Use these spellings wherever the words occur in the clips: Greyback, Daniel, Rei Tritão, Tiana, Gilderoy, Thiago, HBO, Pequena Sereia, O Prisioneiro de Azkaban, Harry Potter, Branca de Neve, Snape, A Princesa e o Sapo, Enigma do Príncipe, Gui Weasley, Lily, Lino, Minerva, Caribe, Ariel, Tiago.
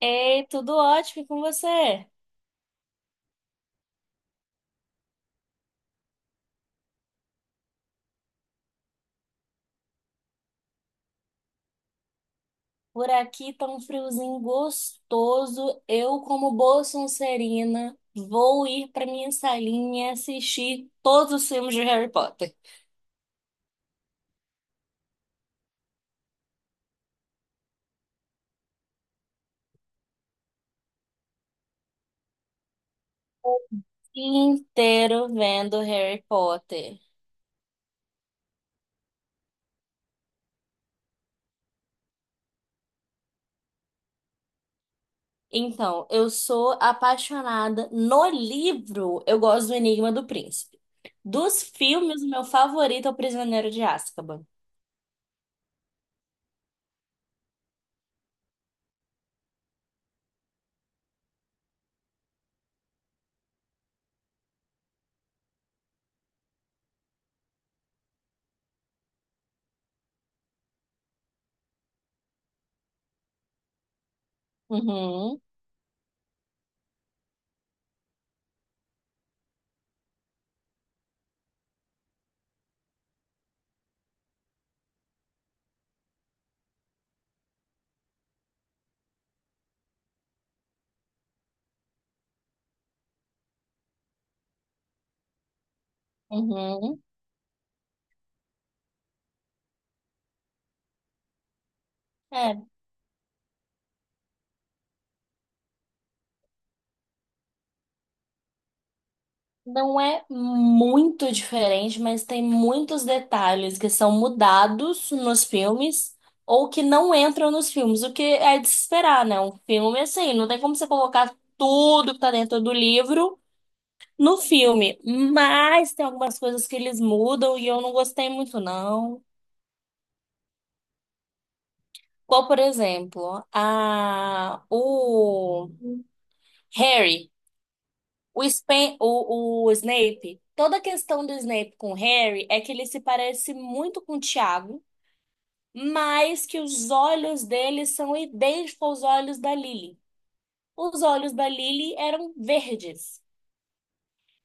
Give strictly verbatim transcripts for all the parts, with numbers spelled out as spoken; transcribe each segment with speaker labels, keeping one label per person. Speaker 1: Ei, tudo ótimo e com você? Por aqui tá um friozinho gostoso. Eu, como boa sonserina, vou ir pra minha salinha e assistir todos os filmes de Harry Potter. Inteiro vendo Harry Potter. Então, eu sou apaixonada. No livro, eu gosto do Enigma do Príncipe. Dos filmes, o meu favorito é O Prisioneiro de Azkaban. Uhum, uhum. É, não é muito diferente, mas tem muitos detalhes que são mudados nos filmes ou que não entram nos filmes, o que é de se esperar, né? Um filme assim, não tem como você colocar tudo que tá dentro do livro no filme, mas tem algumas coisas que eles mudam e eu não gostei muito, não. Qual, por exemplo, a o Harry. O, Spen- o, o Snape, toda a questão do Snape com o Harry é que ele se parece muito com o Tiago, mas que os olhos dele são idênticos aos olhos da Lily. Os olhos da Lily eram verdes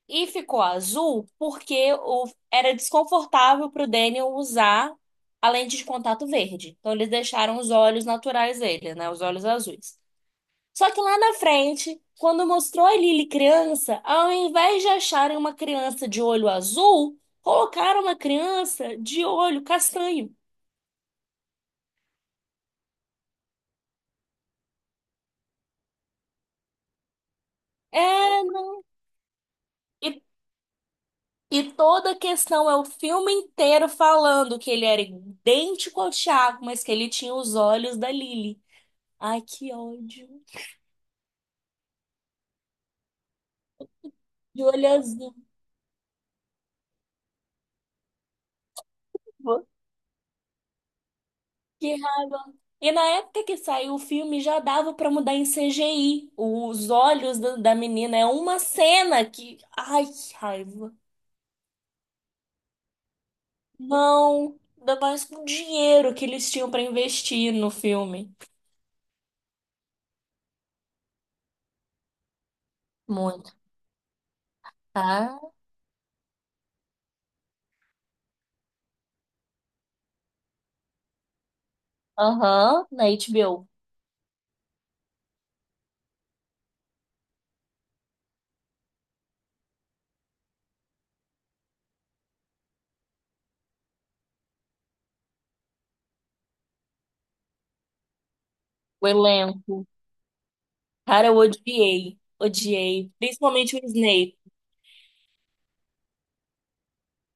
Speaker 1: e ficou azul porque o- era desconfortável para o Daniel usar a lente de contato verde. Então eles deixaram os olhos naturais dele, né, os olhos azuis. Só que lá na frente, quando mostrou a Lily criança, ao invés de acharem uma criança de olho azul, colocaram uma criança de olho castanho. É, e, e toda a questão é o filme inteiro falando que ele era idêntico ao Thiago, mas que ele tinha os olhos da Lily. Ai, que ódio. De olho azul. Que raiva. E na época que saiu o filme já dava pra mudar em C G I. Os olhos da da menina é uma cena que. Ai, que raiva. Não, ainda mais com o dinheiro que eles tinham pra investir no filme. Muito, tá? Aham, na H B O. O O elenco. Cara, eu odiei. Odiei. Principalmente o Snape.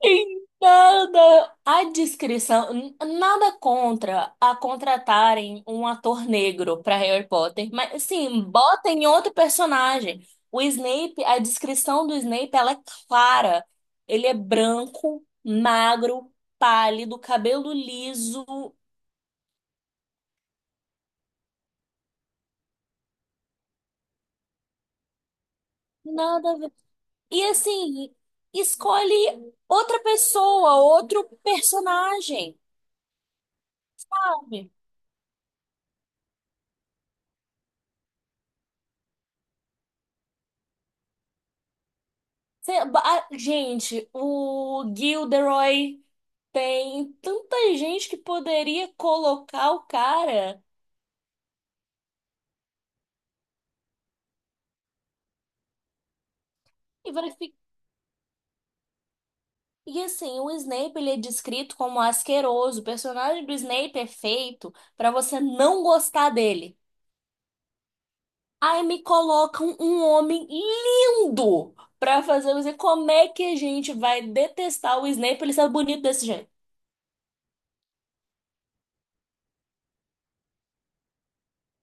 Speaker 1: Em nada a descrição, n- nada contra a contratarem um ator negro para Harry Potter, mas sim, botem outro personagem. O Snape, a descrição do Snape, ela é clara. Ele é branco, magro, pálido, cabelo liso, nada a ver. E assim, escolhe outra pessoa, outro personagem, sabe? Cê- ba- ah, gente, o Gilderoy tem tanta gente que poderia colocar o cara e vai ficar. E assim, o Snape ele é descrito como asqueroso. O personagem do Snape é feito pra você não gostar dele. Aí me colocam um homem lindo pra fazer você. Como é que a gente vai detestar o Snape ele ser bonito desse jeito?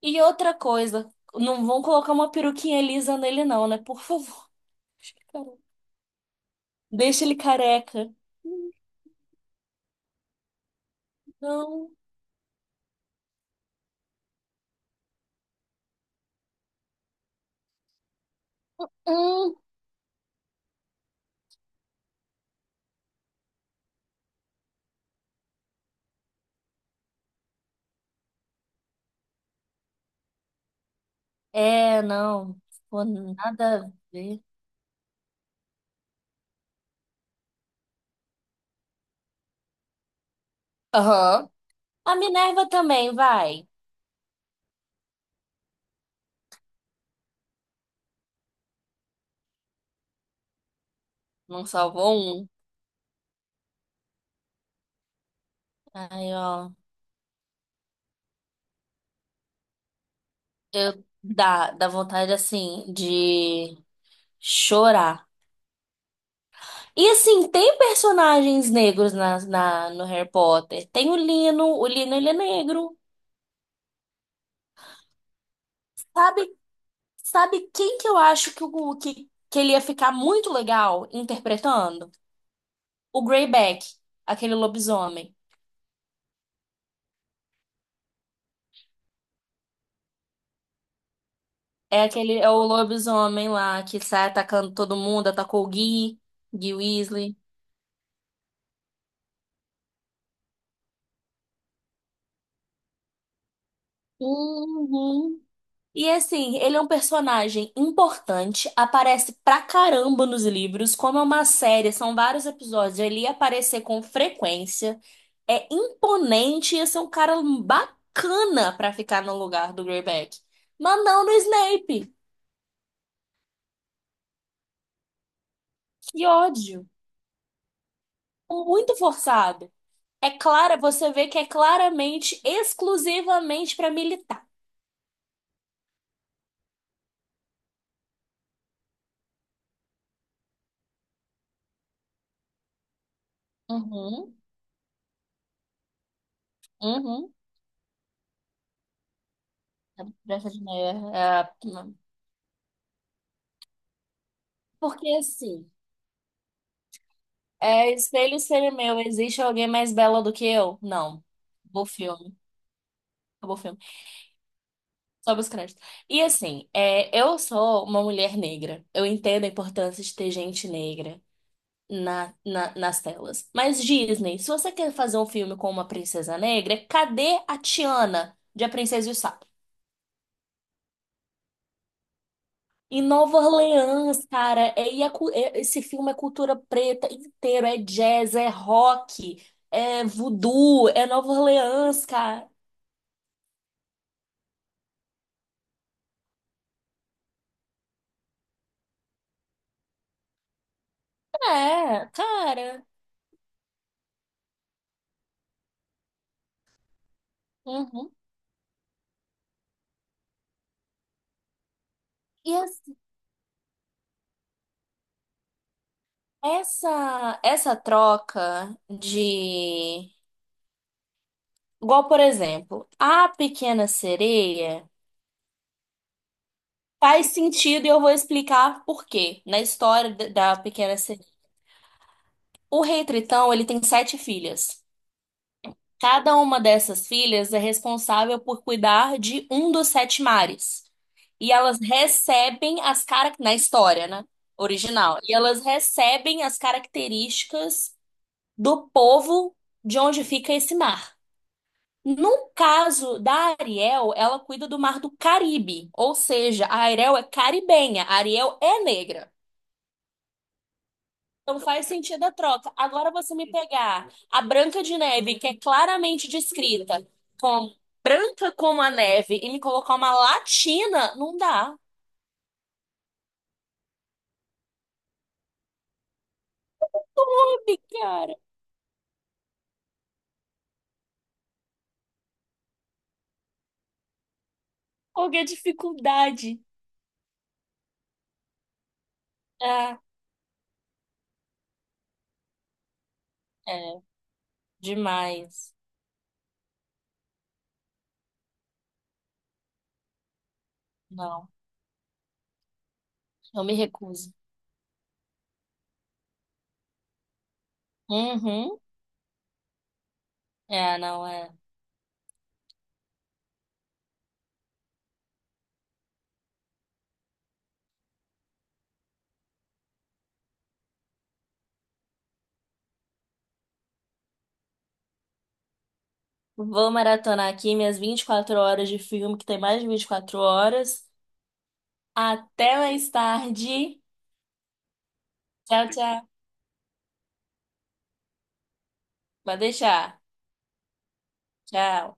Speaker 1: E outra coisa, não vão colocar uma peruquinha lisa nele, não, né? Por favor. Deixa ele careca. Não. Hum. É, não. Pô, nada a ver. Aham. A Minerva também, vai. Não salvou um. Aí, ó. Eu dá, dá vontade, assim, de chorar. E, assim, tem personagens negros na, na, no Harry Potter. Tem o Lino. O Lino, ele é negro. Sabe, sabe quem que eu acho que, o, que, que ele ia ficar muito legal interpretando? O Greyback, aquele lobisomem. É aquele, é o lobisomem lá que sai atacando todo mundo, atacou o Gui, Gui Weasley. Uhum. E assim, ele é um personagem importante, aparece pra caramba nos livros, como é uma série, são vários episódios, ele ia aparecer com frequência, é imponente, ia ser um cara bacana pra ficar no lugar do Greyback. Mas não no Snape, que ódio, muito forçado. É clara, você vê que é claramente, exclusivamente para militar. Uhum, uhum. Branca de Neve. É, não. Porque assim, é, espelho, espelho meu, existe alguém mais bela do que eu? Não. Acabou o filme, acabou o filme. Sobe os créditos. E assim, é, eu sou uma mulher negra. Eu entendo a importância de ter gente negra na, na- nas telas. Mas Disney, se você quer fazer um filme com uma princesa negra, cadê a Tiana de A Princesa e o Sapo? Em Nova Orleans, cara, é, e a cu- é- esse filme é cultura preta inteiro, é jazz, é rock, é voodoo, é Nova Orleans, cara. É, cara. Uhum. E assim, essa, essa troca de. Igual, por exemplo, a Pequena Sereia faz sentido e eu vou explicar por quê na história da da Pequena Sereia. O Rei Tritão, ele tem sete filhas. Cada uma dessas filhas é responsável por cuidar de um dos sete mares. E elas recebem as cara... na história, né? Original. E elas recebem as características do povo de onde fica esse mar. No caso da Ariel, ela cuida do mar do Caribe, ou seja, a Ariel é caribenha, a Ariel é negra. Então faz sentido a troca. Agora você me pegar a Branca de Neve, que é claramente descrita como branca como a neve, e me colocar uma latina, não dá. Sabe, cara? Qual que é a dificuldade? Ah, é, demais. Não, eu me recuso. Uhum. É, não é. Vou maratonar aqui minhas vinte e quatro horas de filme, que tem mais de vinte e quatro horas. Até mais tarde. Tchau, tchau. Vai deixar. Tchau.